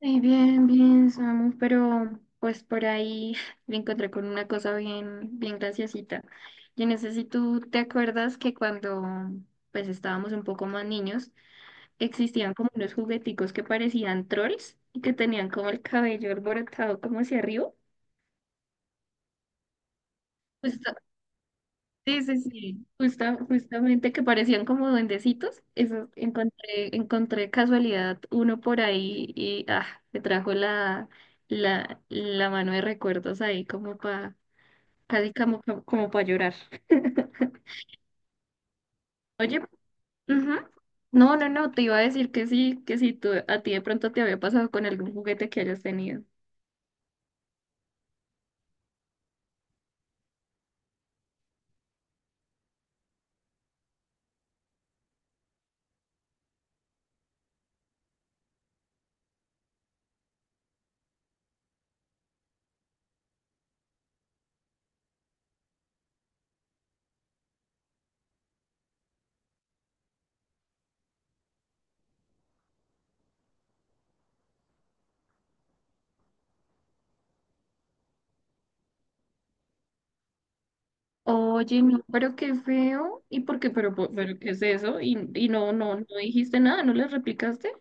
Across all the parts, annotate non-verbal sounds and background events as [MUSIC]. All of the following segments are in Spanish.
Sí, bien, bien, Samu, pero pues por ahí [LAUGHS] me encontré con una cosa bien, bien graciosita. Yo no sé si tú te acuerdas que cuando pues estábamos un poco más niños, existían como unos jugueticos que parecían trolls y que tenían como el cabello alborotado como hacia arriba. Pues sí, sí, sí, justamente que parecían como duendecitos, eso encontré, encontré casualidad uno por ahí y ah, me trajo la mano de recuerdos ahí como para, casi como para llorar. Oye, ujú. No, no, no, te iba a decir que sí, que si tú, a ti de pronto te había pasado con algún juguete que hayas tenido. Oye, no, pero qué feo, ¿y por qué? Pero ¿qué es eso? Y no, no, no dijiste nada, ¿no le replicaste?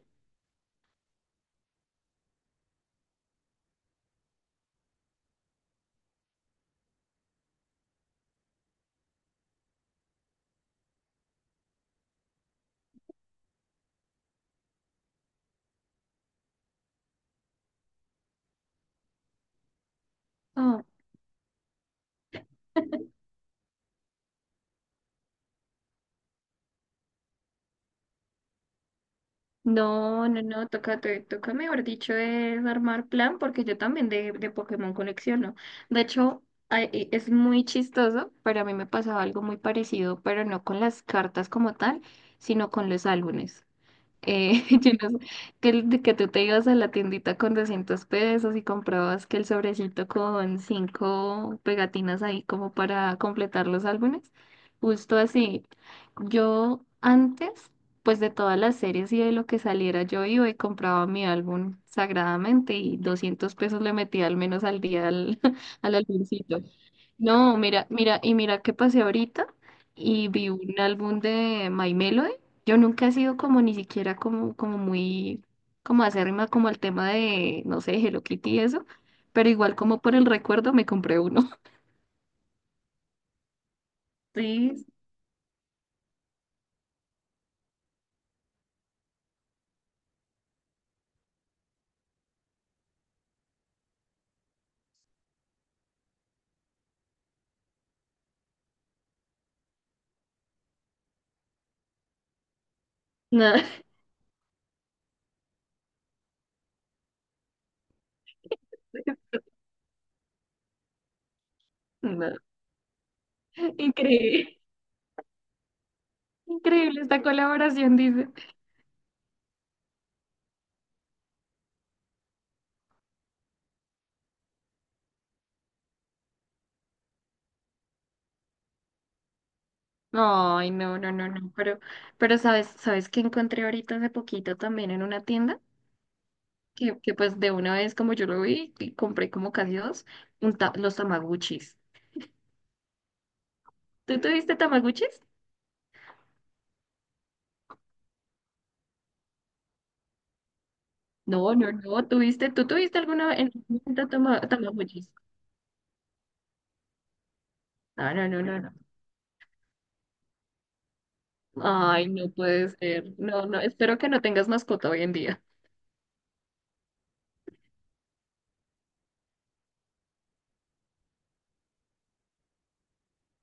Ah. No, no, no, toca, toca, mejor dicho, es armar plan porque yo también de Pokémon colecciono. De hecho, ay, es muy chistoso, pero a mí me pasaba algo muy parecido, pero no con las cartas como tal, sino con los álbumes. [LAUGHS] Yo no sé, [LAUGHS] que, de que tú te ibas a la tiendita con 200 pesos y comprabas que el sobrecito con cinco pegatinas ahí como para completar los álbumes. Justo así. Yo antes, pues de todas las series y de lo que saliera, yo iba y compraba mi álbum sagradamente y 200 pesos le metía al menos al día al, [LAUGHS] al álbumcito. No, mira, mira, y mira qué pasé ahorita y vi un álbum de My Melody. Yo nunca he sido como ni siquiera como, como muy, como acérrima como el tema de, no sé, Hello Kitty y eso, pero igual como por el recuerdo me compré uno. [LAUGHS] Sí. Nada, nada. Increíble. Increíble esta colaboración, dice. Ay, no, no, no, no, pero sabes, ¿sabes qué encontré ahorita hace poquito también en una tienda? Que pues de una vez como yo lo vi, y compré como casi dos, los tamaguchis. ¿Tú tuviste tamaguchis? No, no, no, tuviste, ¿tú tuviste alguna en algún momento tamaguchis? No, no, no, no, no. Ay, no puede ser. No, no, espero que no tengas mascota hoy en día.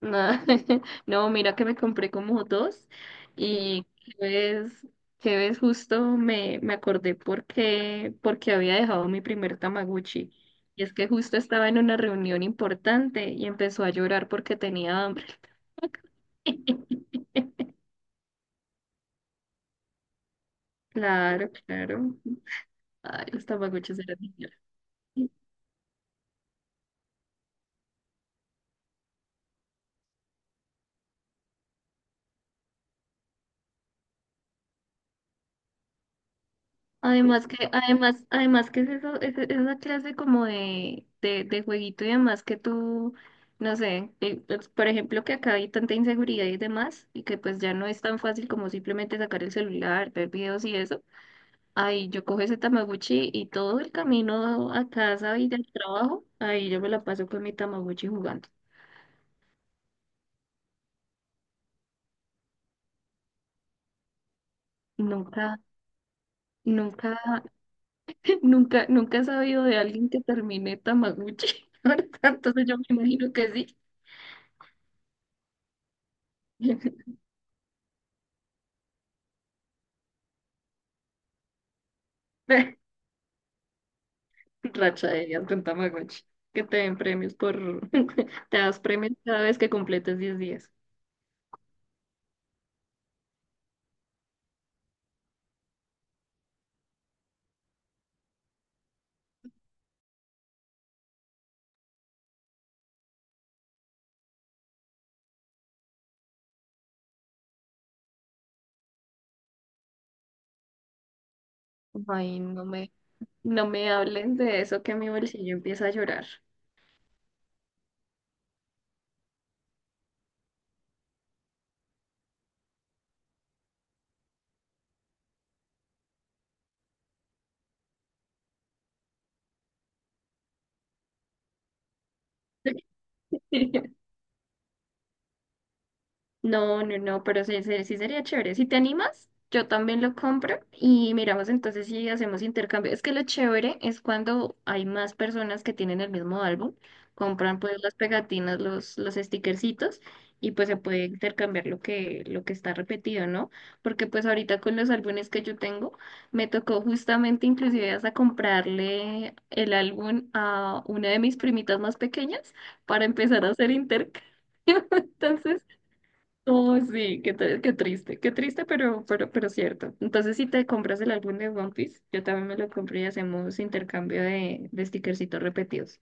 Nah, [LAUGHS] no, mira que me compré como dos y que ves justo me, me acordé porque, porque había dejado mi primer Tamaguchi. Y es que justo estaba en una reunión importante y empezó a llorar porque tenía hambre. [LAUGHS] Claro, claro. Ay, los Tamaguchis eran geniales. Además que, además, además que es eso, es esa clase como de, de jueguito y demás que tú, no sé, pues, por ejemplo que acá hay tanta inseguridad y demás, y que pues ya no es tan fácil como simplemente sacar el celular, ver videos y eso. Ahí yo cojo ese Tamagotchi y todo el camino a casa y del trabajo, ahí yo me la paso con mi Tamagotchi jugando. Nunca, nunca, [LAUGHS] nunca, nunca he sabido de alguien que termine Tamagotchi. [LAUGHS] Entonces yo me imagino que sí. [LAUGHS] Racha de días con Tamagotchi. Que te den premios por... [LAUGHS] te das premios cada vez que completes 10 días. Ay, no me, no me hablen de eso que mi bolsillo empieza a llorar. [LAUGHS] No, no, no, pero sí, sí, sí sería chévere. Si te animas, yo también lo compro y miramos entonces si hacemos intercambio. Es que lo chévere es cuando hay más personas que tienen el mismo álbum, compran pues las pegatinas, los stickercitos y pues se puede intercambiar lo que está repetido, ¿no? Porque pues ahorita con los álbumes que yo tengo, me tocó justamente inclusive hasta comprarle el álbum a una de mis primitas más pequeñas para empezar a hacer intercambio. [LAUGHS] Entonces... Oh, sí, qué, qué triste, pero cierto. Entonces, si te compras el álbum de One Piece, yo también me lo compré y hacemos intercambio de stickercitos repetidos.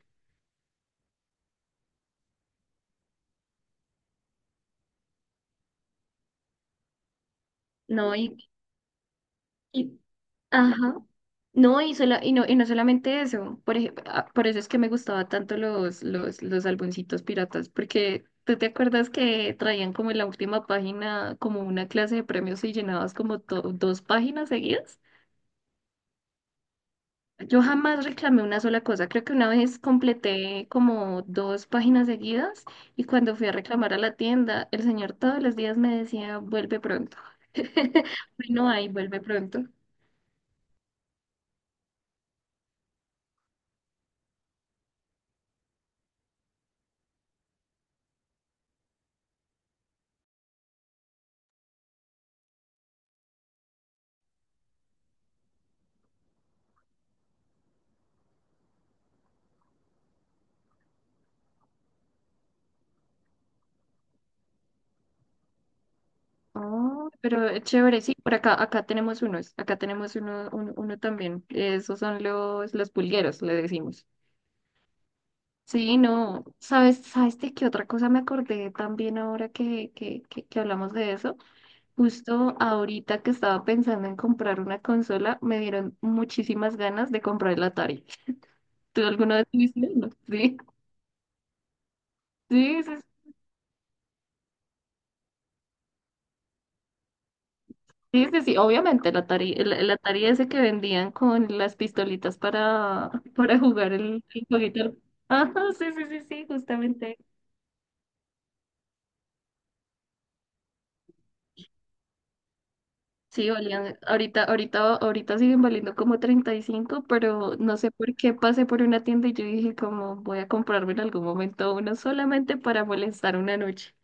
No, y- ajá. No, y, y no solamente eso. Por ejemplo, por eso es que me gustaba tanto los, los álbumcitos piratas, porque tú te acuerdas que traían como en la última página como una clase de premios y llenabas como dos páginas seguidas. Yo jamás reclamé una sola cosa. Creo que una vez completé como dos páginas seguidas y cuando fui a reclamar a la tienda, el señor todos los días me decía, vuelve pronto. [LAUGHS] Bueno, ahí vuelve pronto. Ah, pero es chévere, sí, por acá, acá tenemos unos, acá tenemos uno, uno, uno también. Esos son los pulgueros, le decimos. Sí, no, ¿sabes, sabes de qué otra cosa me acordé también ahora que, que hablamos de eso? Justo ahorita que estaba pensando en comprar una consola, me dieron muchísimas ganas de comprar el Atari. ¿Tú alguna vez tuviste uno? Sí, sí, sí, sí, sí, sí. Obviamente el Atari, el Atari ese que vendían con las pistolitas para, [LAUGHS] para jugar el jueguito. Ajá, sí, sí, sí, sí, justamente. Sí, valían, ahorita, ahorita, ahorita siguen valiendo como 35, pero no sé por qué pasé por una tienda y yo dije como voy a comprarme en algún momento uno solamente para molestar una noche.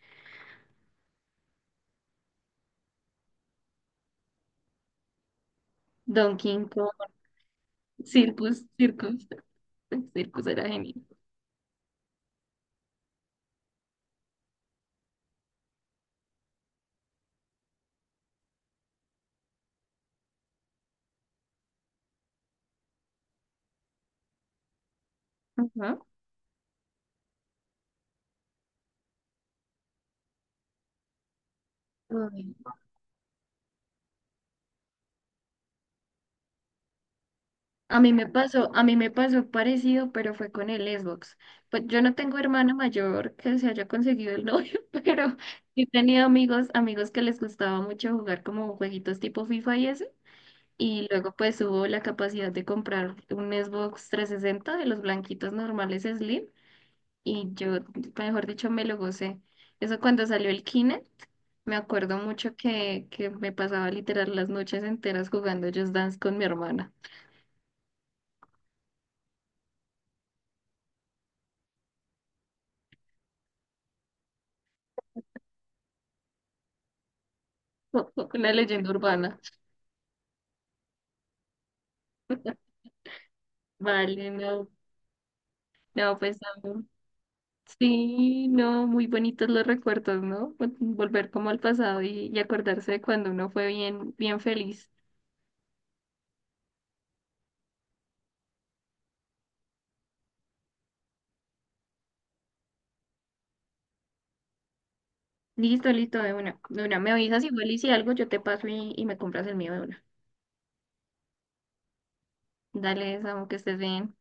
Donkey Kong, Circus, Circus, [LAUGHS] Circus era genial. Ajá. Ay, a mí me pasó parecido, pero fue con el Xbox. Pues yo no tengo hermana mayor que se haya conseguido el novio, [LAUGHS] pero sí he tenido amigos, amigos que les gustaba mucho jugar como jueguitos tipo FIFA y ese. Y luego pues hubo la capacidad de comprar un Xbox 360 de los blanquitos normales Slim y yo, mejor dicho, me lo gocé. Eso cuando salió el Kinect, me acuerdo mucho que me pasaba literal las noches enteras jugando Just Dance con mi hermana. [LAUGHS] Una leyenda urbana. [LAUGHS] Vale, no, no, pues no. Sí, no, muy bonitos los recuerdos, ¿no? Volver como al pasado y acordarse de cuando uno fue bien, bien feliz. Listo, listo, de una, de una. Me avisas igual y si algo yo te paso y me compras el mío de una. Dale, Samu, que estés bien.